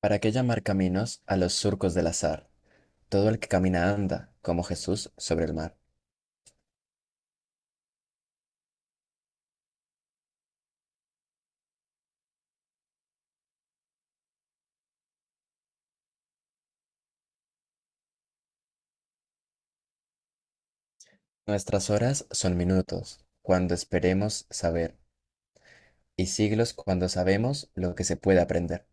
¿Para qué llamar caminos a los surcos del azar? Todo el que camina anda, como Jesús sobre el mar. Nuestras horas son minutos, cuando esperemos saber, y siglos cuando sabemos lo que se puede aprender.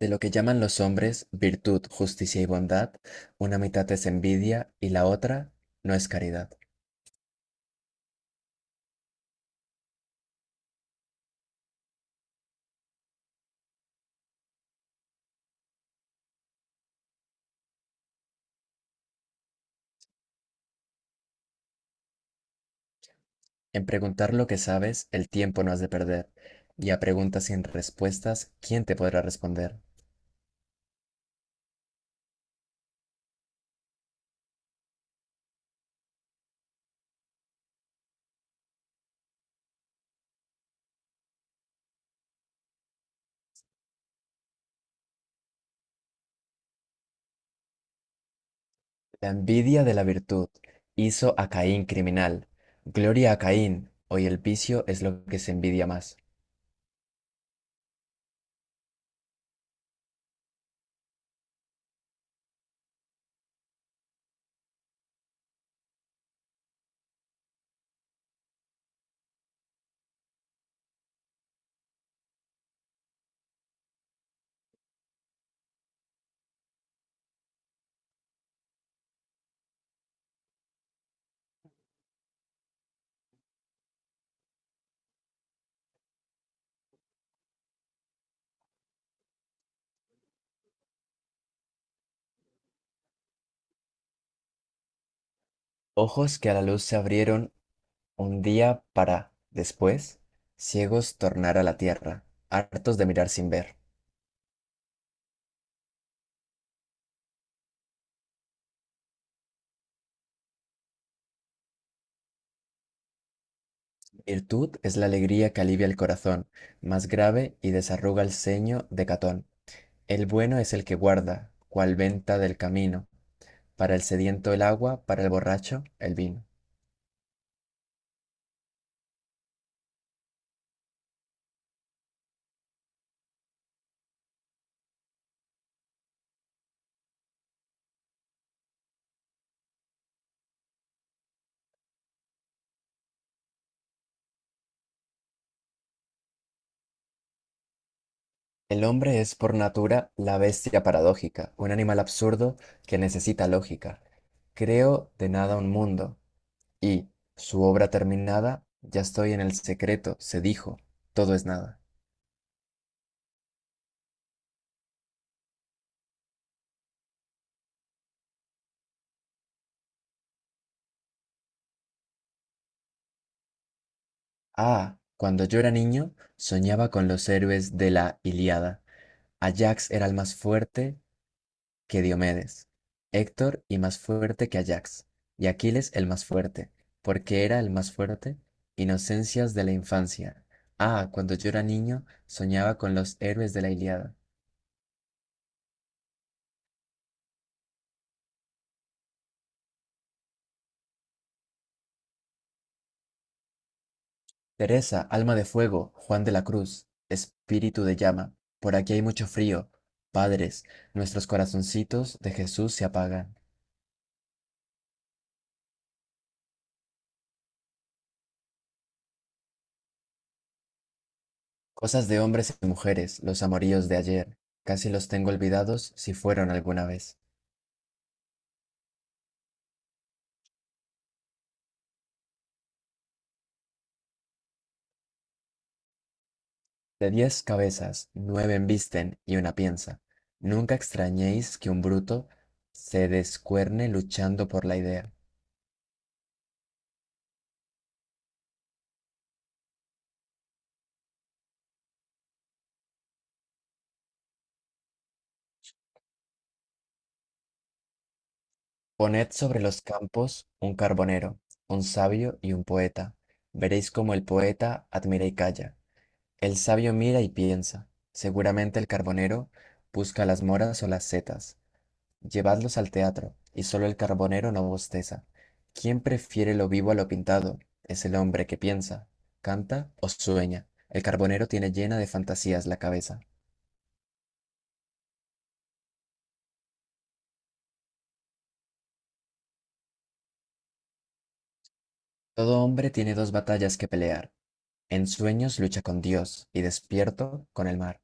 De lo que llaman los hombres virtud, justicia y bondad, una mitad es envidia y la otra no es caridad. En preguntar lo que sabes, el tiempo no has de perder, y a preguntas sin respuestas, ¿quién te podrá responder? La envidia de la virtud hizo a Caín criminal. Gloria a Caín. Hoy el vicio es lo que se envidia más. Ojos que a la luz se abrieron un día para, después, ciegos tornar a la tierra, hartos de mirar sin ver. Virtud es la alegría que alivia el corazón, más grave y desarruga el ceño de Catón. El bueno es el que guarda, cual venta del camino, para el sediento el agua, para el borracho el vino. El hombre es por natura la bestia paradójica, un animal absurdo que necesita lógica. Creo de nada un mundo, y, su obra terminada, ya estoy en el secreto, se dijo, todo es nada. Ah, cuando yo era niño, soñaba con los héroes de la Ilíada. Ajax era el más fuerte, que Diomedes, Héctor y más fuerte que Ajax, y Aquiles el más fuerte, porque era el más fuerte, inocencias de la infancia. Ah, cuando yo era niño, soñaba con los héroes de la Ilíada. Teresa, alma de fuego, Juan de la Cruz, espíritu de llama, por aquí hay mucho frío. Padres, nuestros corazoncitos de Jesús se apagan. Cosas de hombres y mujeres, los amoríos de ayer, casi los tengo olvidados si fueron alguna vez. De diez cabezas, nueve embisten y una piensa. Nunca extrañéis que un bruto se descuerne luchando por la idea. Poned sobre los campos un carbonero, un sabio y un poeta. Veréis cómo el poeta admira y calla. El sabio mira y piensa. Seguramente el carbonero busca las moras o las setas. Llevadlos al teatro, y solo el carbonero no bosteza. ¿Quién prefiere lo vivo a lo pintado? Es el hombre que piensa, canta o sueña. El carbonero tiene llena de fantasías la cabeza. Todo hombre tiene dos batallas que pelear. En sueños lucha con Dios y despierto con el mar.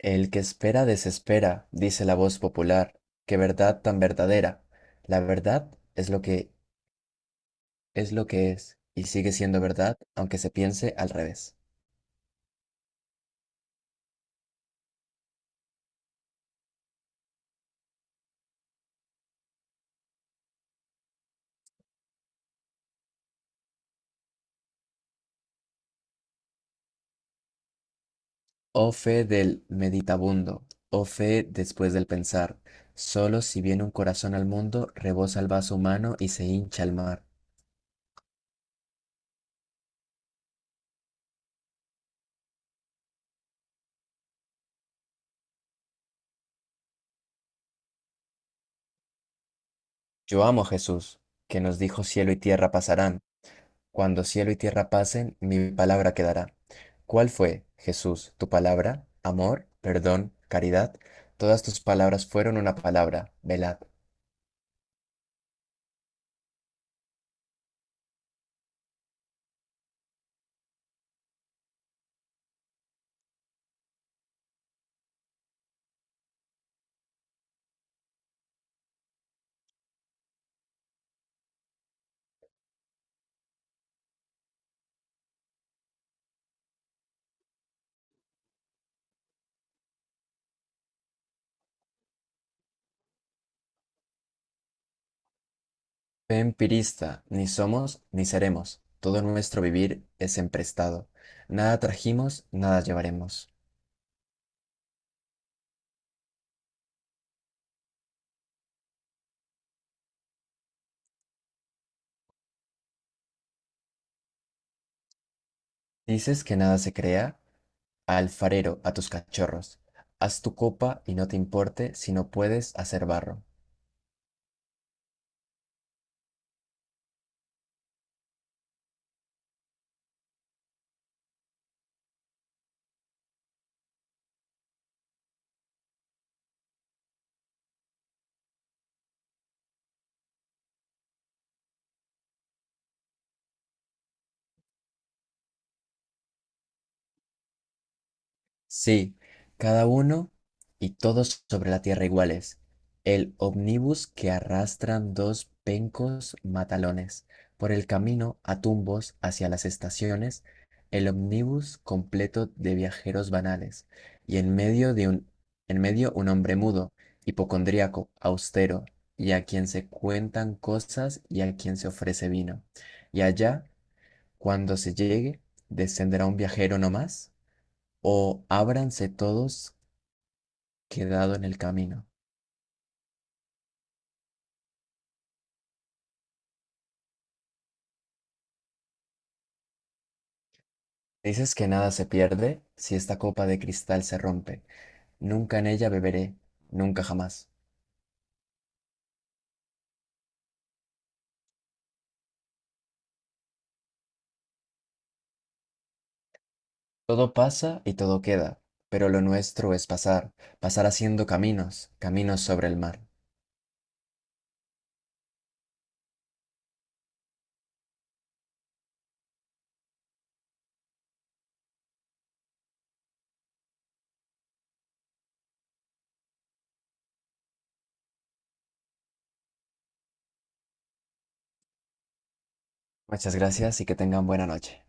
El que espera desespera, dice la voz popular. Qué verdad tan verdadera. La verdad es lo que es lo que es y sigue siendo verdad aunque se piense al revés. Oh fe del meditabundo, oh fe después del pensar, solo si viene un corazón al mundo, rebosa el vaso humano y se hincha el mar. Yo amo a Jesús, que nos dijo cielo y tierra pasarán. Cuando cielo y tierra pasen, mi palabra quedará. ¿Cuál fue, Jesús, tu palabra? Amor, perdón, caridad. Todas tus palabras fueron una palabra, velad. Fe empirista, ni somos ni seremos. Todo nuestro vivir es emprestado. Nada trajimos, nada llevaremos. Dices que nada se crea, alfarero, a tus cachorros. Haz tu copa y no te importe si no puedes hacer barro. Sí, cada uno y todos sobre la tierra iguales. El omnibus que arrastran dos pencos matalones. Por el camino a tumbos hacia las estaciones, el omnibus completo de viajeros banales. Y en medio de un, en medio un hombre mudo, hipocondríaco, austero, y a quien se cuentan cosas y a quien se ofrece vino. Y allá, cuando se llegue, descenderá un viajero no más o ábranse todos quedado en el camino. Dices que nada se pierde si esta copa de cristal se rompe, nunca en ella beberé, nunca jamás. Todo pasa y todo queda, pero lo nuestro es pasar, pasar haciendo caminos, caminos sobre el mar. Muchas gracias y que tengan buena noche.